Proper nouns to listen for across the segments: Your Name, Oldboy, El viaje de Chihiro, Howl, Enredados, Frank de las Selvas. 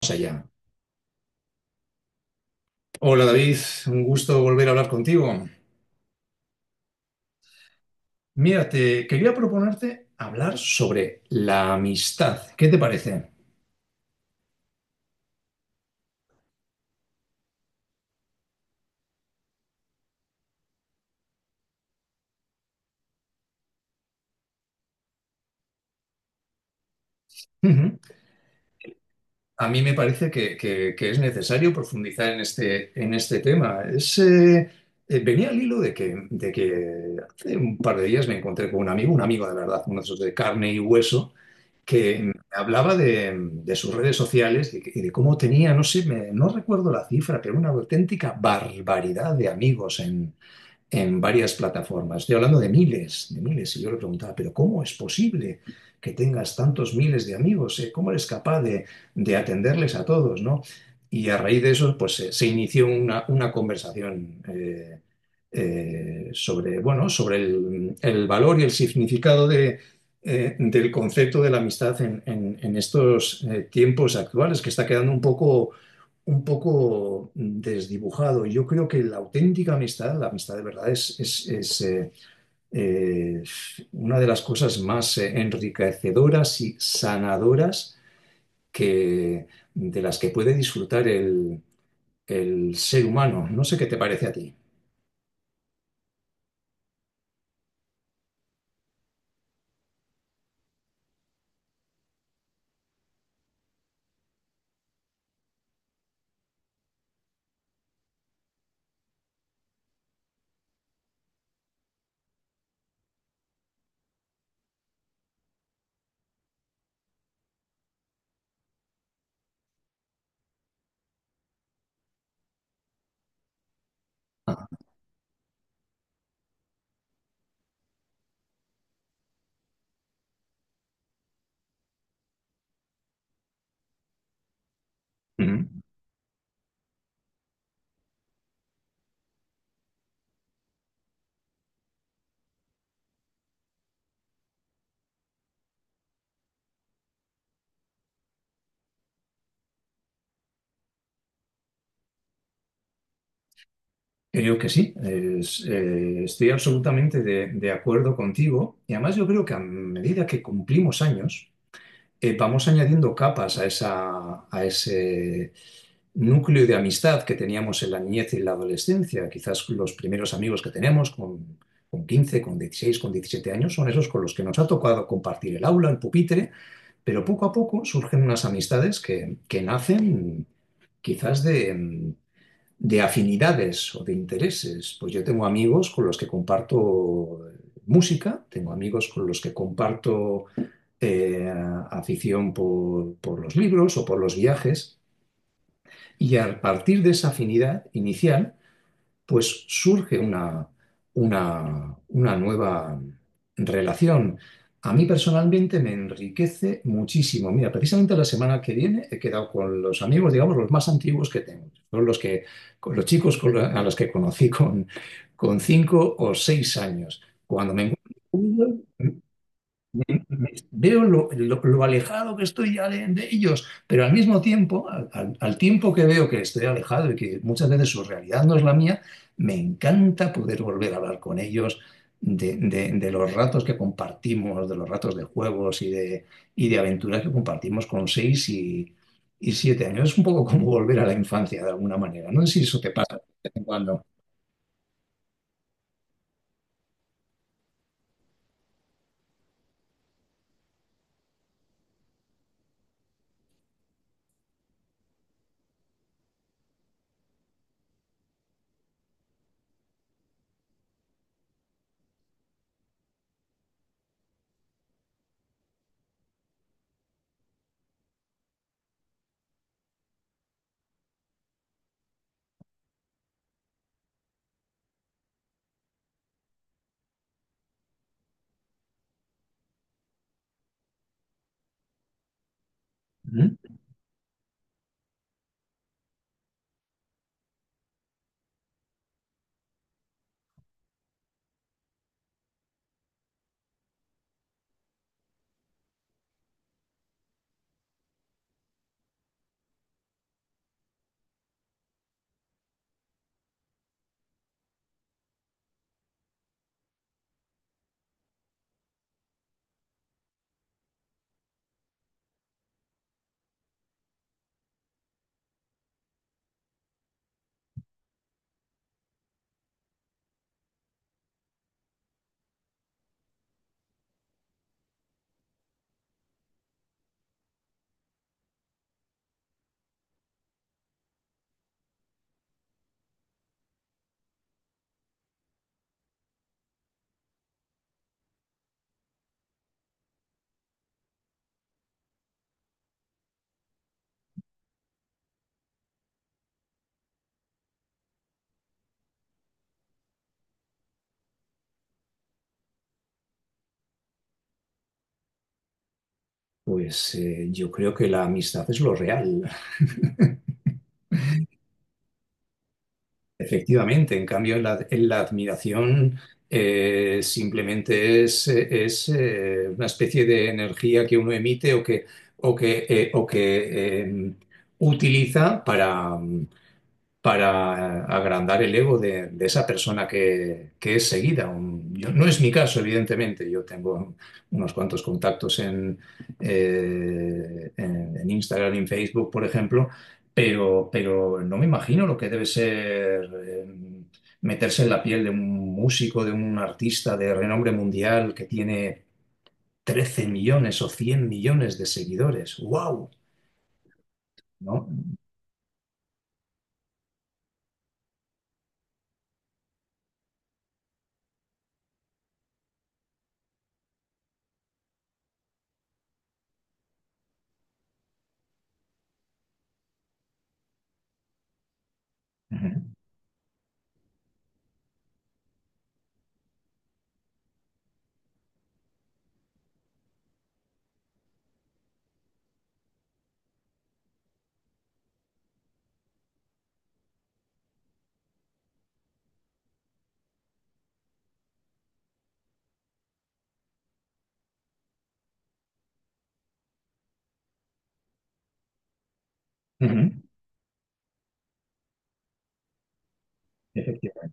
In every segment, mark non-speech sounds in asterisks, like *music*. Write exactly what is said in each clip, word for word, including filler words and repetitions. Vamos allá. Hola David, un gusto volver a hablar contigo. Mira, te quería proponerte hablar sobre la amistad. ¿Qué te parece? Ujú. A mí me parece que, que- que es necesario profundizar en este, en este tema. Es, eh, eh, venía al hilo de que, de que hace un par de días me encontré con un amigo, un amigo de verdad, uno de esos de carne y hueso, que me hablaba de, de sus redes sociales y, que- y de cómo tenía, no sé, me- no recuerdo la cifra, pero una auténtica barbaridad de amigos en varias plataformas. Estoy hablando de miles, de miles. Y yo le preguntaba, pero ¿cómo es posible que tengas tantos miles de amigos? ¿eh? ¿Cómo eres capaz de, de atenderles a todos, no? Y a raíz de eso, pues se, se inició una, una conversación eh, eh, sobre, bueno, sobre el, el valor y el significado de, eh, del concepto de la amistad en, en- en estos eh, tiempos actuales, que está quedando un poco un poco desdibujado. Yo creo que la auténtica amistad, la amistad de verdad, es, es- es, eh, eh, una de las cosas más eh, enriquecedoras y sanadoras que, de las que puede disfrutar el, el ser humano. No sé qué te parece a ti. Ah, ujú. Creo que sí. Es- eh, estoy absolutamente de, de acuerdo contigo, y además yo creo que a medida que cumplimos años, eh, vamos añadiendo capas a esa, a ese, núcleo de amistad que teníamos en la niñez y en la adolescencia. Quizás los primeros amigos que tenemos con, con quince, con dieciséis, con diecisiete años, son esos con los que nos ha tocado compartir el aula, el pupitre, pero poco a poco surgen unas amistades que, que nacen quizás de, de afinidades o de intereses. Pues yo tengo amigos con los que comparto eh, música, tengo amigos con los que comparto eh, afición por, por los libros o por los viajes. Y a partir de esa afinidad inicial, pues surge una, una, una nueva relación. A mí personalmente me enriquece muchísimo. Mira, precisamente la semana que viene he quedado con los amigos, digamos, los más antiguos que tengo. Son los que, con los chicos con los- a los que conocí con, con cinco o seis años. Cuando me encuentro, me- veo lo, lo- lo alejado que estoy ya de, de ellos, pero al mismo tiempo, al, al- al tiempo que veo que estoy alejado y que muchas veces su realidad no es la mía, me encanta poder volver a hablar con ellos de, de- de los ratos que compartimos, de los ratos de juegos y de, y de aventuras que compartimos con seis y, y siete años. Es un poco como volver a la infancia de alguna manera. No sé si eso te pasa de vez en cuando. ¿Mm? Pues eh, yo creo que la amistad es lo real. Efectivamente, en cambio, en la, en la admiración eh, simplemente es, eh, es, eh, una especie de energía que uno emite o que, o que, eh, o que eh, utiliza para, para agrandar el ego de, de esa persona que, que es seguida. Un- yo- no es mi caso, evidentemente. Yo tengo unos cuantos contactos en, eh, en, en Instagram y en Facebook, por ejemplo, pero, pero no me imagino lo que debe ser eh, meterse en la piel de un músico, de un artista de renombre mundial que tiene trece millones o cien millones de seguidores. ¡Wow! ¿No? Ujú. Ujú. Efectivamente.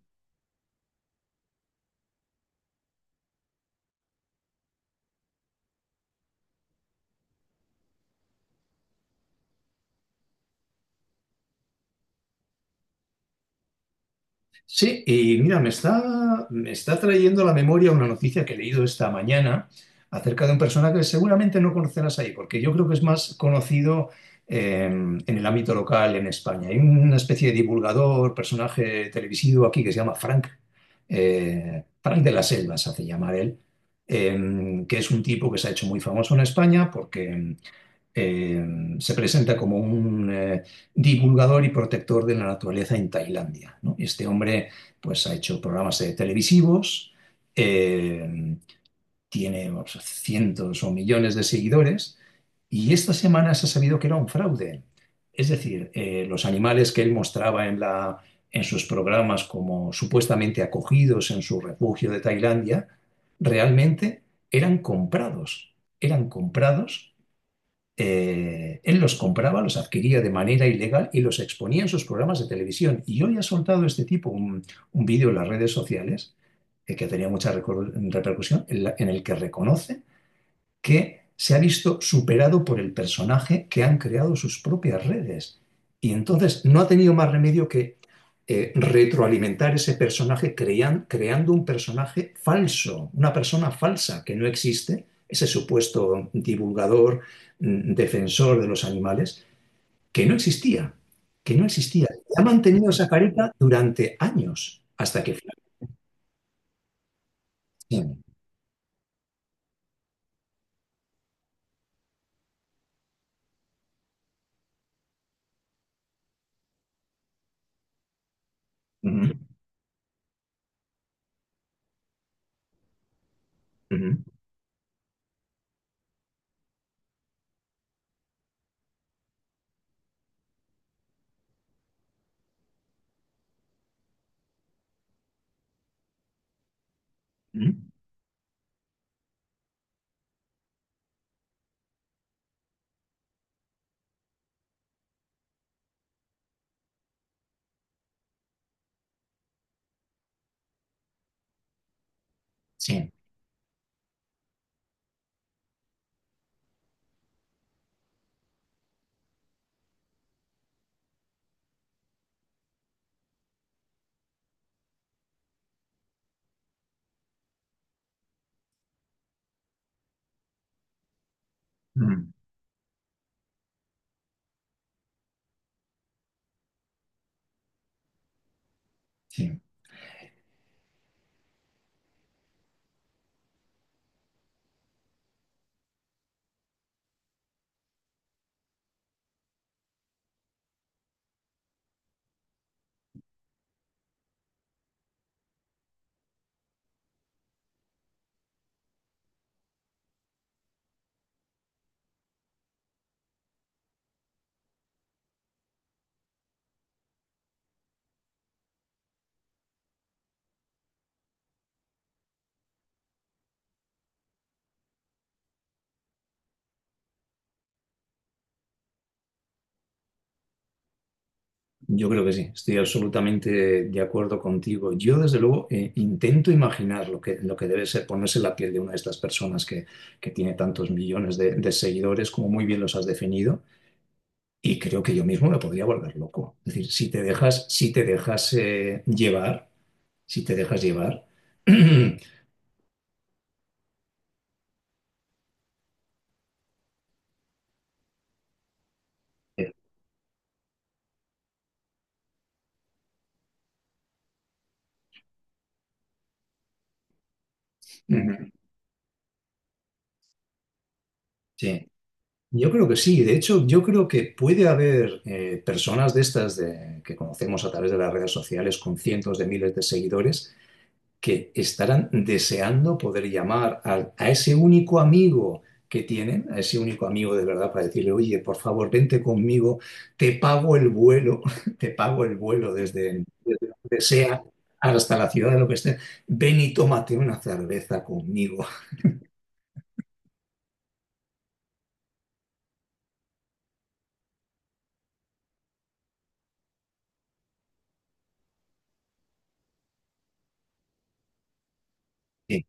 Sí, y mira, me está, me está trayendo a la memoria una noticia que he leído esta mañana acerca de un personaje que seguramente no conocerás ahí, porque yo creo que es más conocido eh, en el ámbito local en España. Hay una especie de divulgador, personaje televisivo aquí que se llama Frank, eh, Frank de las Selvas, hace llamar él, eh, que es un tipo que se ha hecho muy famoso en España porque em, eh, se presenta como un eh, divulgador y protector de la naturaleza en Tailandia, ¿no? Este hombre pues, ha hecho programas eh, televisivos, eh, tiene o cientos o millones de seguidores, y esta semana se ha sabido que era un fraude. Es decir, eh, los animales que él mostraba en la- en sus programas como supuestamente acogidos en su refugio de Tailandia, realmente eran comprados, eran comprados, eh, él los compraba, los adquiría de manera ilegal y los exponía en sus programas de televisión. Y hoy ha soltado este tipo un, un vídeo en las redes sociales eh, que tenía mucha recor- repercusión, en, la- en el que reconoce que se ha visto superado por el personaje que han creado sus propias redes. Y entonces no ha tenido más remedio que eh, retroalimentar ese personaje crean- creando un personaje falso, una persona falsa que no existe, ese supuesto divulgador, mm, defensor de los animales, que no existía, que no existía. Y ha mantenido esa careta durante años hasta que... Sí. Ujú, ujú, ujú. Sí. Ujú, sí. Yo creo que sí, estoy absolutamente de acuerdo contigo. Yo, desde luego, eh, intento imaginar lo que, lo que debe ser ponerse en la piel de una de estas personas que, que tiene tantos millones de, de seguidores, como muy bien los has definido, y creo que yo mismo me podría volver loco. Es decir, si te dejas, si te dejas eh, llevar, si te dejas llevar, *clears throat* eh, ujú, sí. Yo creo que sí. De hecho, yo creo que puede haber eh, personas de estas de- que conocemos a través de las redes sociales con cientos de miles de seguidores que estarán deseando poder llamar a, a ese único amigo que tienen, a ese único amigo de verdad para decirle, oye, por favor, vente conmigo, te pago el vuelo, *laughs* te pago el vuelo desde, desde donde sea hasta la ciudad de lo que esté, ven y tómate una cerveza conmigo. *laughs* Sí,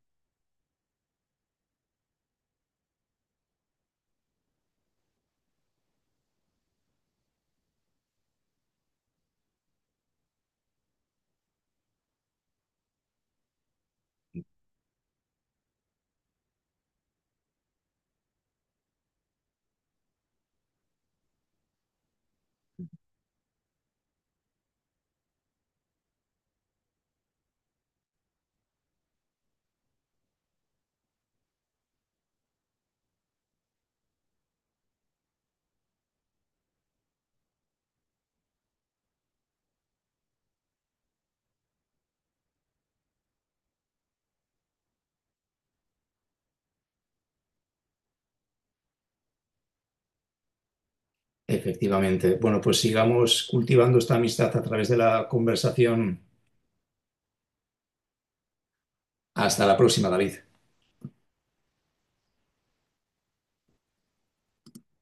efectivamente. Bueno, pues sigamos cultivando esta amistad a través de la conversación. Hasta la próxima, David.